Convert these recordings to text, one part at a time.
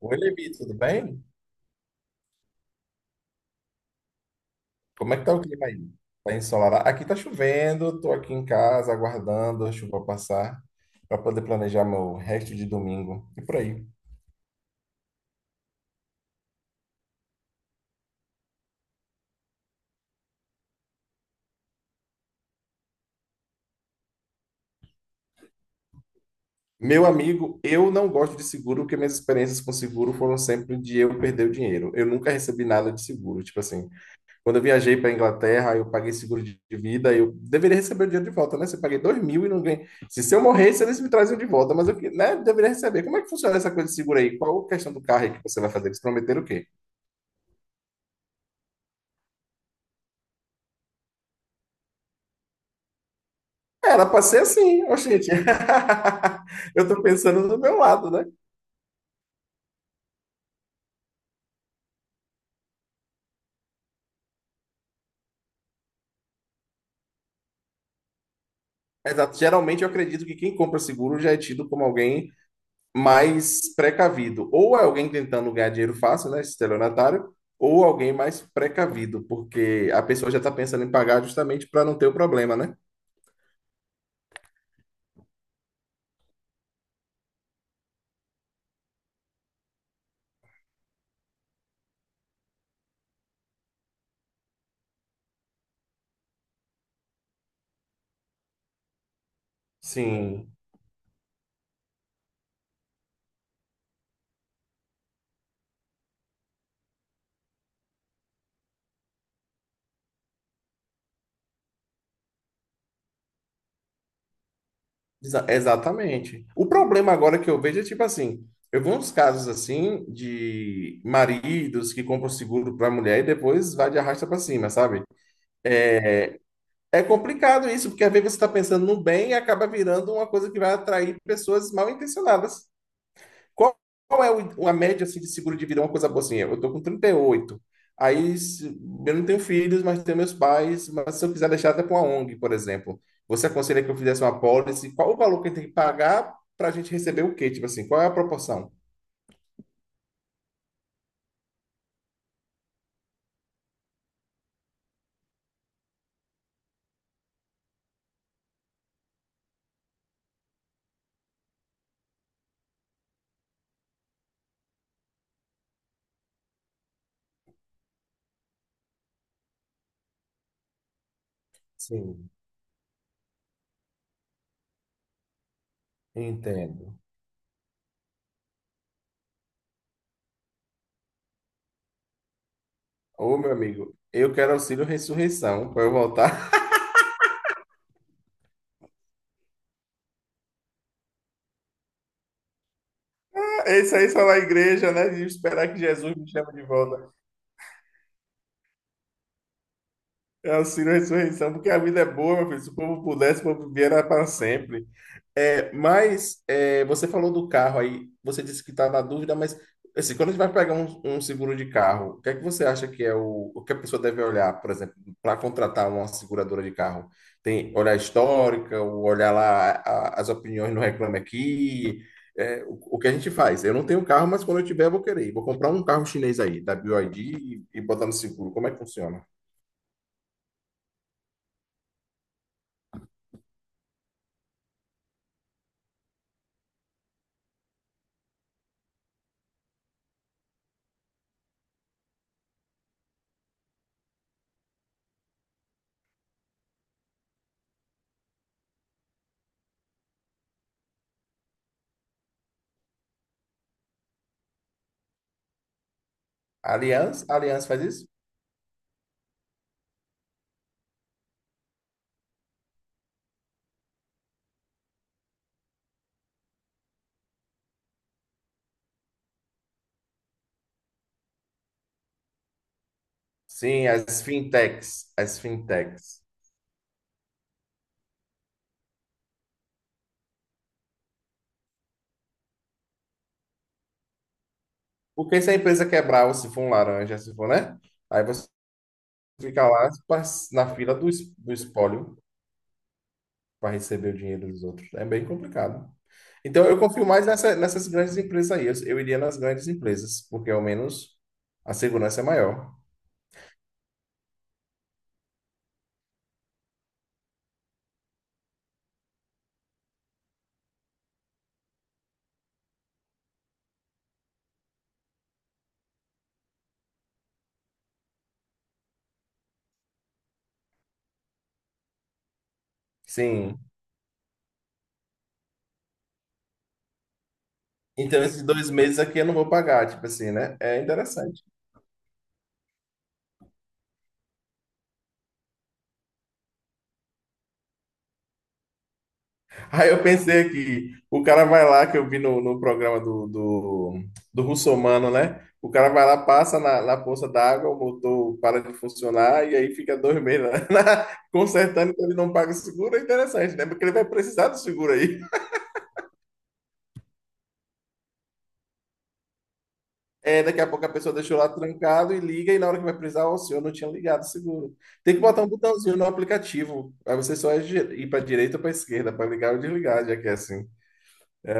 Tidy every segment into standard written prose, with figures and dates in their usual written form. Oi, Levi, tudo bem? Como é que tá o clima aí? Tá ensolarado? Aqui tá chovendo, tô aqui em casa aguardando a chuva passar para poder planejar meu resto de domingo e por aí. Meu amigo, eu não gosto de seguro porque minhas experiências com seguro foram sempre de eu perder o dinheiro. Eu nunca recebi nada de seguro, tipo assim. Quando eu viajei para Inglaterra, eu paguei seguro de vida, eu deveria receber o dinheiro de volta, né? Se eu paguei 2.000 e não ganhei. Se eu morresse, eles me traziam de volta, mas eu né, deveria receber. Como é que funciona essa coisa de seguro aí? Qual a questão do carro aí que você vai fazer? Eles prometeram o quê? Era para ser assim, oxente. Eu tô pensando do meu lado, né? Exato. Geralmente eu acredito que quem compra seguro já é tido como alguém mais precavido. Ou é alguém tentando ganhar dinheiro fácil, né? Estelionatário, ou alguém mais precavido, porque a pessoa já está pensando em pagar justamente para não ter o problema, né? Sim, exatamente. O problema agora que eu vejo é tipo assim: eu vi uns casos assim de maridos que compram seguro para a mulher e depois vai de arrasta para cima, sabe? É, é complicado isso, porque às vezes você está pensando no bem e acaba virando uma coisa que vai atrair pessoas mal intencionadas. Qual, qual é a média assim, de seguro de vida? É uma coisa boa assim, eu tô com 38. Aí eu não tenho filhos, mas tenho meus pais. Mas se eu quiser deixar até para uma ONG, por exemplo, você aconselha que eu fizesse uma apólice? Qual o valor que a gente tem que pagar para a gente receber o quê? Tipo assim, qual é a proporção? Sim, entendo. Ô, meu amigo, eu quero auxílio ressurreição para eu voltar. Isso aí só na igreja, né? E esperar que Jesus me chame de volta. É auxílio à ressurreição, porque a vida é boa, meu filho. Se o povo pudesse, o povo vivia para sempre. É, mas é, você falou do carro aí, você disse que está na dúvida, mas assim, quando a gente vai pegar um seguro de carro, o que é que você acha que é o que a pessoa deve olhar, por exemplo, para contratar uma seguradora de carro? Tem olhar histórica, ou olhar lá as opiniões no Reclame Aqui, é, o que a gente faz? Eu não tenho carro, mas quando eu tiver, eu vou querer. Vou comprar um carro chinês aí, da BYD, e botar no seguro. Como é que funciona? Aliança? Aliança faz isso? Sim, as fintechs. As fintechs. Porque se a empresa quebrar, ou se for um laranja, se for, né? Aí você fica lá na fila do espólio para receber o dinheiro dos outros. É bem complicado. Então, eu confio mais nessas grandes empresas aí. Eu iria nas grandes empresas, porque ao menos a segurança é maior. Sim. Então, esses 2 meses aqui eu não vou pagar, tipo assim, né? É interessante. Aí eu pensei aqui, o cara vai lá, que eu vi no programa do Russomano, né? O cara vai lá, passa na poça d'água, o motor para de funcionar e aí fica 2 meses, né? consertando, então ele não paga o seguro. É interessante, né? Porque ele vai precisar do seguro aí. É, daqui a pouco a pessoa deixou lá trancado e liga, e na hora que vai precisar, ó, o senhor não tinha ligado o seguro. Tem que botar um botãozinho no aplicativo, aí você só é ir para direita ou para esquerda para ligar ou desligar, já que é assim. É,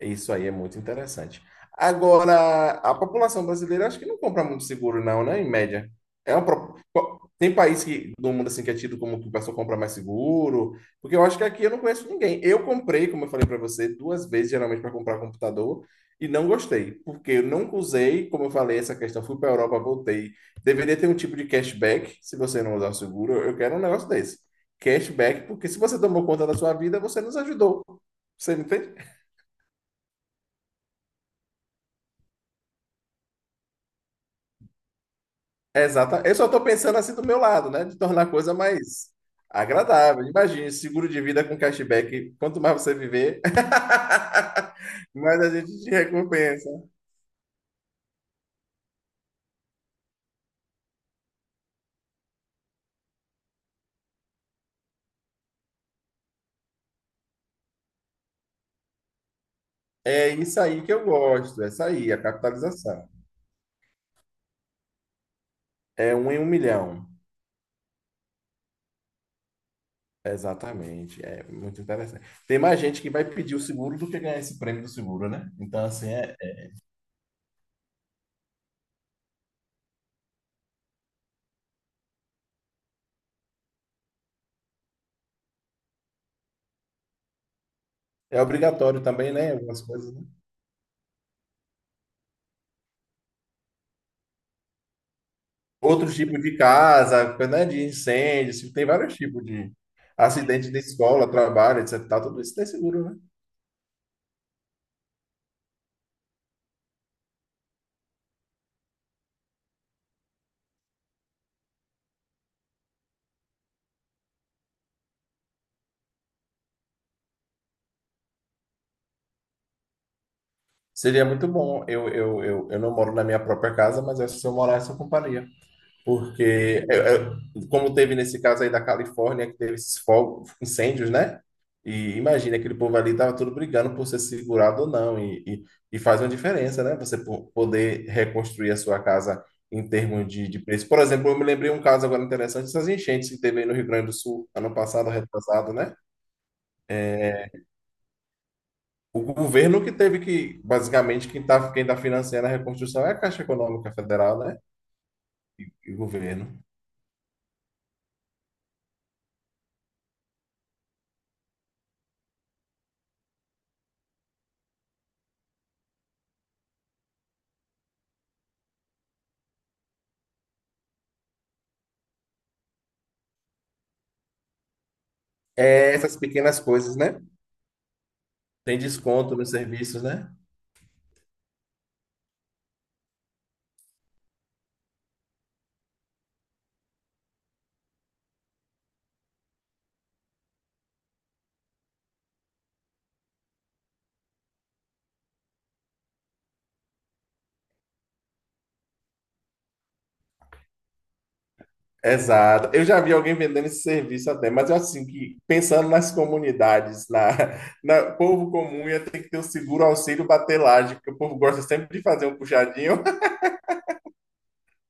isso aí é muito interessante. Agora, a população brasileira acho que não compra muito seguro, não, né? Em média. Tem país que, do mundo assim, que é tido como que o pessoal compra mais seguro, porque eu acho que aqui eu não conheço ninguém. Eu comprei, como eu falei para você, 2 vezes geralmente para comprar computador e não gostei, porque eu nunca usei, como eu falei, essa questão. Fui para Europa, voltei. Deveria ter um tipo de cashback se você não usar o seguro. Eu quero um negócio desse. Cashback, porque se você tomou conta da sua vida, você nos ajudou. Você me entende? Exata. Eu só estou pensando assim do meu lado, né? De tornar a coisa mais agradável. Imagine, seguro de vida com cashback. Quanto mais você viver, mais a gente te recompensa. É isso aí que eu gosto. Essa aí, a capitalização. É um em um milhão. Exatamente. É muito interessante. Tem mais gente que vai pedir o seguro do que ganhar esse prêmio do seguro, né? Então, assim, é obrigatório também, né? Algumas coisas, né? Outros tipos de casa, né, de incêndio, tem vários tipos de acidente de escola, trabalho, etc. e tal. Tudo isso tem seguro, né? Seria muito bom. Eu não moro na minha própria casa, mas eu, se eu morasse, eu compraria. Porque, como teve nesse caso aí da Califórnia, que teve esses fogos, incêndios, né? E imagina, aquele povo ali estava tudo brigando por ser segurado ou não. E faz uma diferença, né? Você poder reconstruir a sua casa em termos de preço. Por exemplo, eu me lembrei um caso agora interessante, dessas enchentes que teve aí no Rio Grande do Sul, ano passado, retrasado, né? O governo que teve que, basicamente, quem tá financiando a reconstrução é a Caixa Econômica Federal, né? E o governo. É essas pequenas coisas, né? Tem desconto nos serviços, né? Exato. Eu já vi alguém vendendo esse serviço até, mas eu acho assim que pensando nas comunidades, na, na povo comum ia ter que ter o seguro auxílio batelagem, porque o povo gosta sempre de fazer um puxadinho.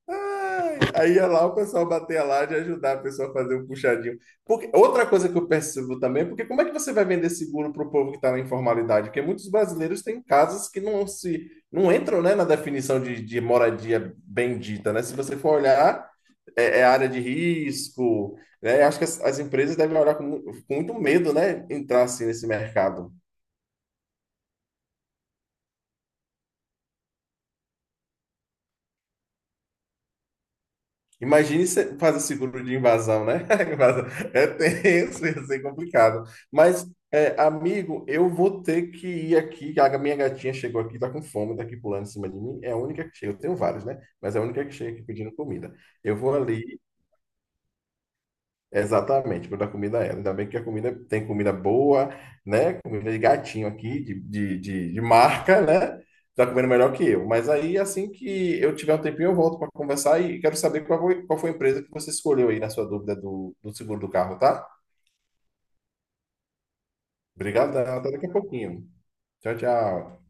Ai, aí ia lá o pessoal bater a laje e ajudar a pessoa a fazer o puxadinho. Porque, outra coisa que eu percebo também, porque como é que você vai vender seguro para o povo que está na informalidade? Porque muitos brasileiros têm casas que não se não entram, né, na definição de moradia bendita, né? Se você for olhar, é, é área de risco, né? Acho que as empresas devem olhar com muito medo, né, entrar assim nesse mercado. Imagine você fazer seguro de invasão, né? Invasão. É tenso, ia ser complicado. Mas, é, amigo, eu vou ter que ir aqui, que a minha gatinha chegou aqui, tá com fome, tá aqui pulando em cima de mim. É a única que chega. Eu tenho vários, né? Mas é a única que chega aqui pedindo comida. Eu vou ali. Exatamente, para dar comida a ela. Ainda bem que a comida tem comida boa, né? Comida de gatinho aqui, de marca, né? Tá comendo melhor que eu. Mas aí, assim que eu tiver um tempinho, eu volto para conversar e quero saber qual foi a empresa que você escolheu aí na sua dúvida do seguro do carro, tá? Obrigadão, até daqui a pouquinho. Tchau, tchau.